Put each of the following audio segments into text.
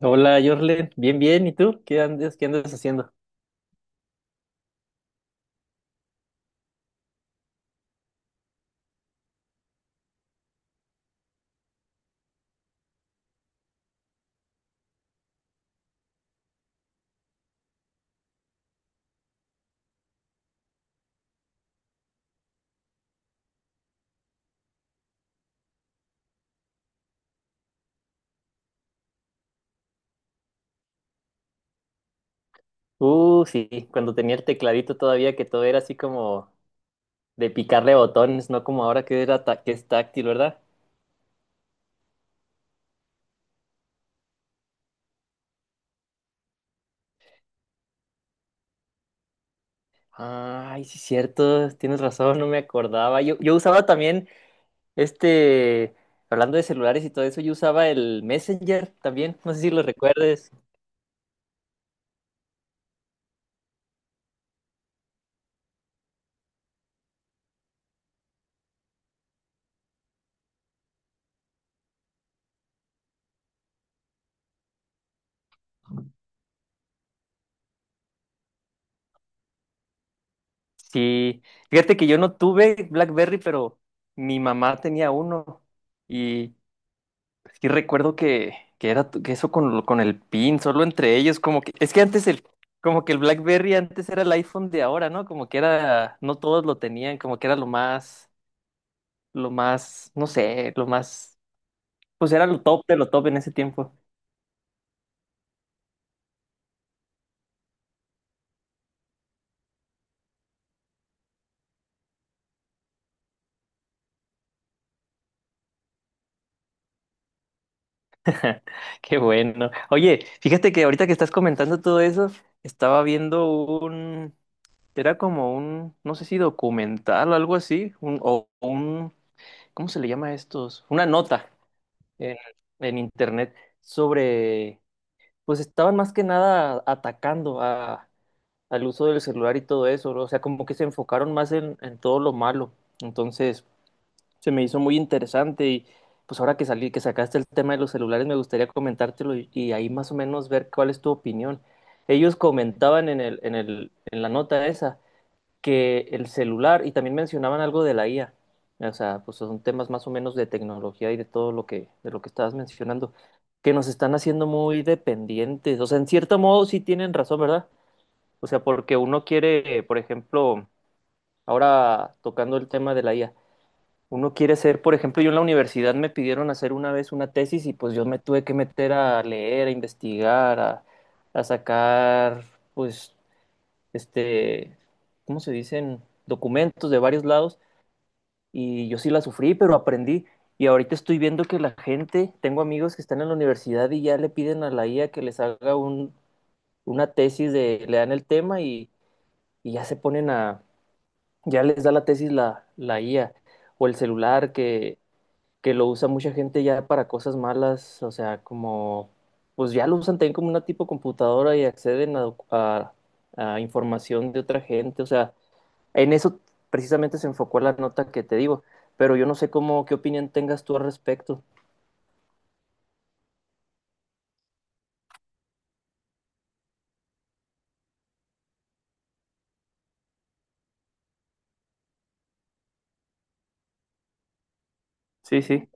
Hola, Jorlen. Bien, bien. ¿Y tú? ¿Qué andas haciendo? Sí, cuando tenía el tecladito todavía que todo era así como de picarle botones, no como ahora que era que es táctil, ¿verdad? Ay, sí, cierto. Tienes razón, no me acordaba. Yo usaba también este, hablando de celulares y todo eso, yo usaba el Messenger también. No sé si lo recuerdes. Sí. Fíjate que yo no tuve BlackBerry, pero mi mamá tenía uno. y Sí recuerdo que era que eso con el PIN, solo entre ellos, como que, es que antes como que el BlackBerry antes era el iPhone de ahora, ¿no? Como que era, no todos lo tenían, como que era lo más, no sé, lo más, pues era lo top de lo top en ese tiempo. Qué bueno. Oye, fíjate que ahorita que estás comentando todo eso, estaba viendo era como no sé si documental o algo así, un, ¿cómo se le llama a estos? Una nota en, en internet sobre, pues estaban más que nada atacando a, al uso del celular y todo eso, ¿no? O sea, como que se enfocaron más en todo lo malo. Entonces, se me hizo muy interesante y pues ahora que salí, que sacaste el tema de los celulares, me gustaría comentártelo y ahí más o menos ver cuál es tu opinión. Ellos comentaban en la nota esa que el celular, y también mencionaban algo de la IA, o sea, pues son temas más o menos de tecnología y de todo lo que, de lo que estabas mencionando, que nos están haciendo muy dependientes, o sea, en cierto modo sí tienen razón, ¿verdad? O sea, porque uno quiere, por ejemplo, ahora tocando el tema de la IA, uno quiere ser, por ejemplo, yo en la universidad me pidieron hacer una vez una tesis y pues yo me tuve que meter a leer, a investigar, a sacar, pues este, ¿cómo se dicen? Documentos de varios lados y yo sí la sufrí, pero aprendí. Y ahorita estoy viendo que la gente, tengo amigos que están en la universidad y ya le piden a la IA que les haga una tesis de, le dan el tema y ya se ponen a, ya les da la tesis la IA o el celular que lo usa mucha gente ya para cosas malas, o sea, como, pues ya lo usan también como una tipo computadora y acceden a información de otra gente, o sea, en eso precisamente se enfocó la nota que te digo, pero yo no sé cómo, qué opinión tengas tú al respecto. Sí, sí,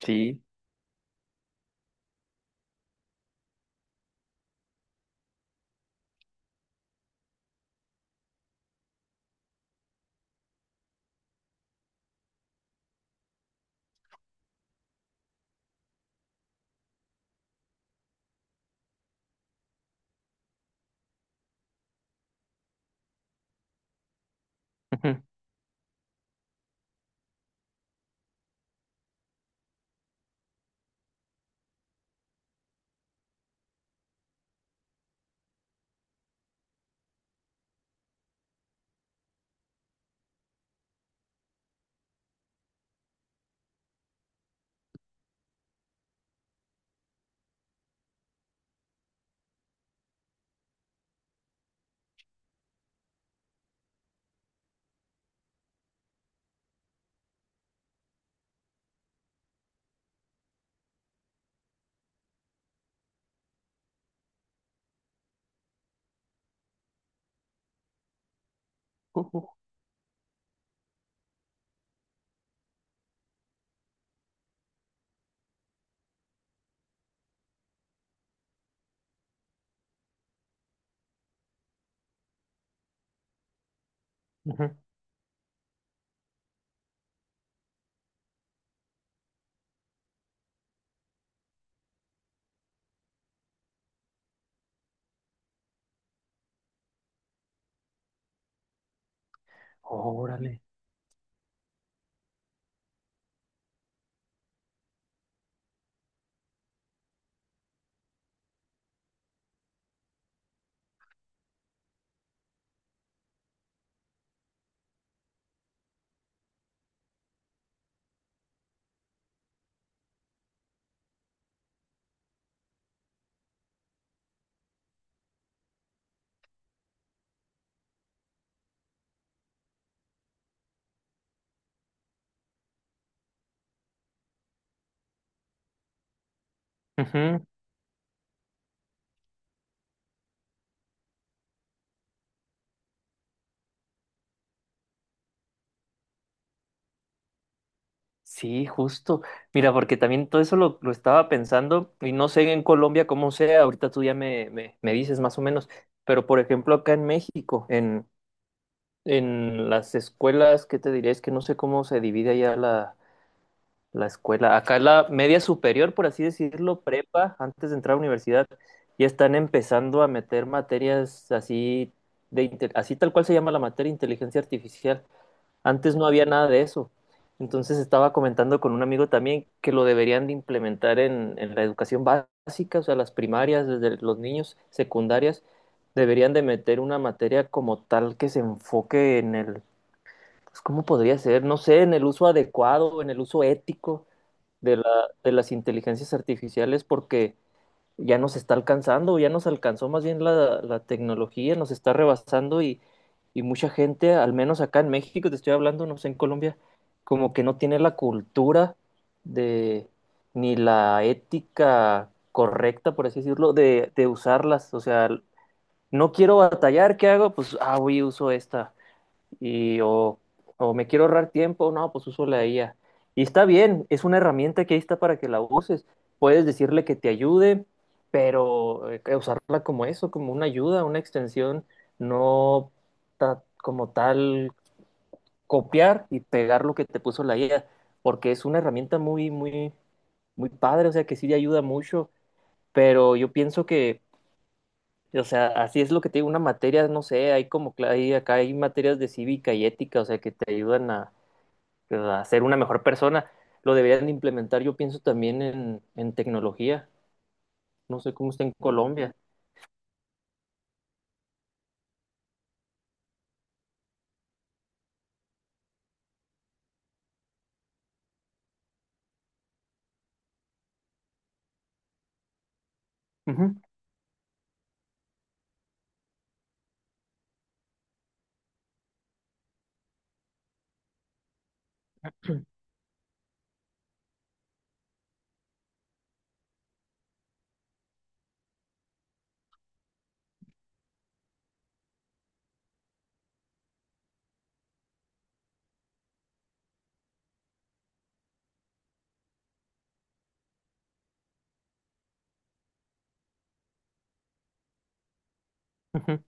sí. Ujú. Ujú, ujú. Órale. Ujú. Sí, justo. Mira, porque también todo eso lo estaba pensando y no sé en Colombia cómo sea, ahorita tú ya me dices más o menos, pero por ejemplo acá en México, en las escuelas, ¿qué te diré? Es que no sé cómo se divide allá la, la escuela. Acá la media superior, por así decirlo, prepa, antes de entrar a la universidad, ya están empezando a meter materias así de así tal cual se llama la materia inteligencia artificial. Antes no había nada de eso. Entonces estaba comentando con un amigo también que lo deberían de implementar en la educación básica, o sea, las primarias, desde los niños, secundarias, deberían de meter una materia como tal que se enfoque en el, pues, ¿cómo podría ser? No sé, en el uso adecuado, en el uso ético de la, de las inteligencias artificiales porque ya nos está alcanzando, ya nos alcanzó más bien la, la tecnología, nos está rebasando y mucha gente, al menos acá en México, te estoy hablando, no sé, en Colombia, como que no tiene la cultura de, ni la ética correcta, por así decirlo, de usarlas. O sea, no quiero batallar, ¿qué hago? Pues, ah, voy, uso esta y o, o me quiero ahorrar tiempo, no, pues uso la IA. Y está bien, es una herramienta que ahí está para que la uses. Puedes decirle que te ayude, pero usarla como eso, como una ayuda, una extensión, no como tal copiar y pegar lo que te puso la IA, porque es una herramienta muy, muy, muy padre, o sea que sí te ayuda mucho, pero yo pienso que, o sea, así es lo que te digo, una materia, no sé, hay como, acá hay materias de cívica y ética, o sea, que te ayudan a ser una mejor persona. Lo deberían implementar, yo pienso, también en tecnología. No sé cómo está en Colombia. Ujú, ujú.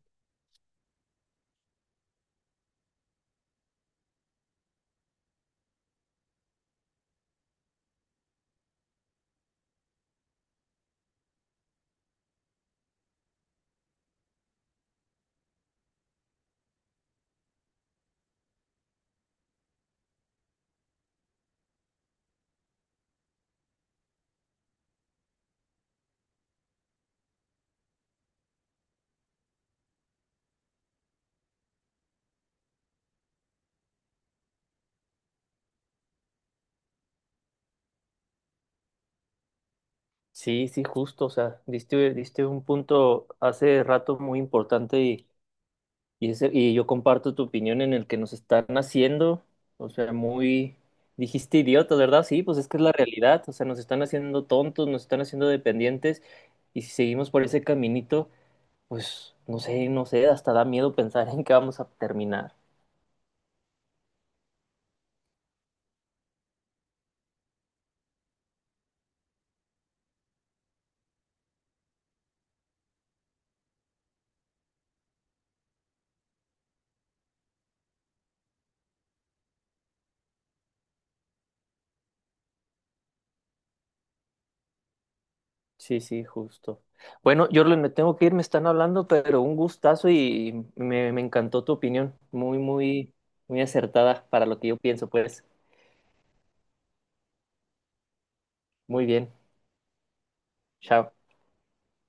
Sí, sí, justo. O sea, diste, diste un punto hace rato muy importante y, y yo comparto tu opinión en el que nos están haciendo, o sea, muy, dijiste idiota, ¿verdad? Sí, pues es que es la realidad. O sea, nos están haciendo tontos, nos están haciendo dependientes y si seguimos por ese caminito, pues no sé, no sé, hasta da miedo pensar en qué vamos a terminar. Sí, sí, justo. Bueno, yo me tengo que ir, me están hablando, pero un gustazo y me encantó tu opinión. Muy, muy, muy acertada para lo que yo pienso, pues. Muy bien. Chao.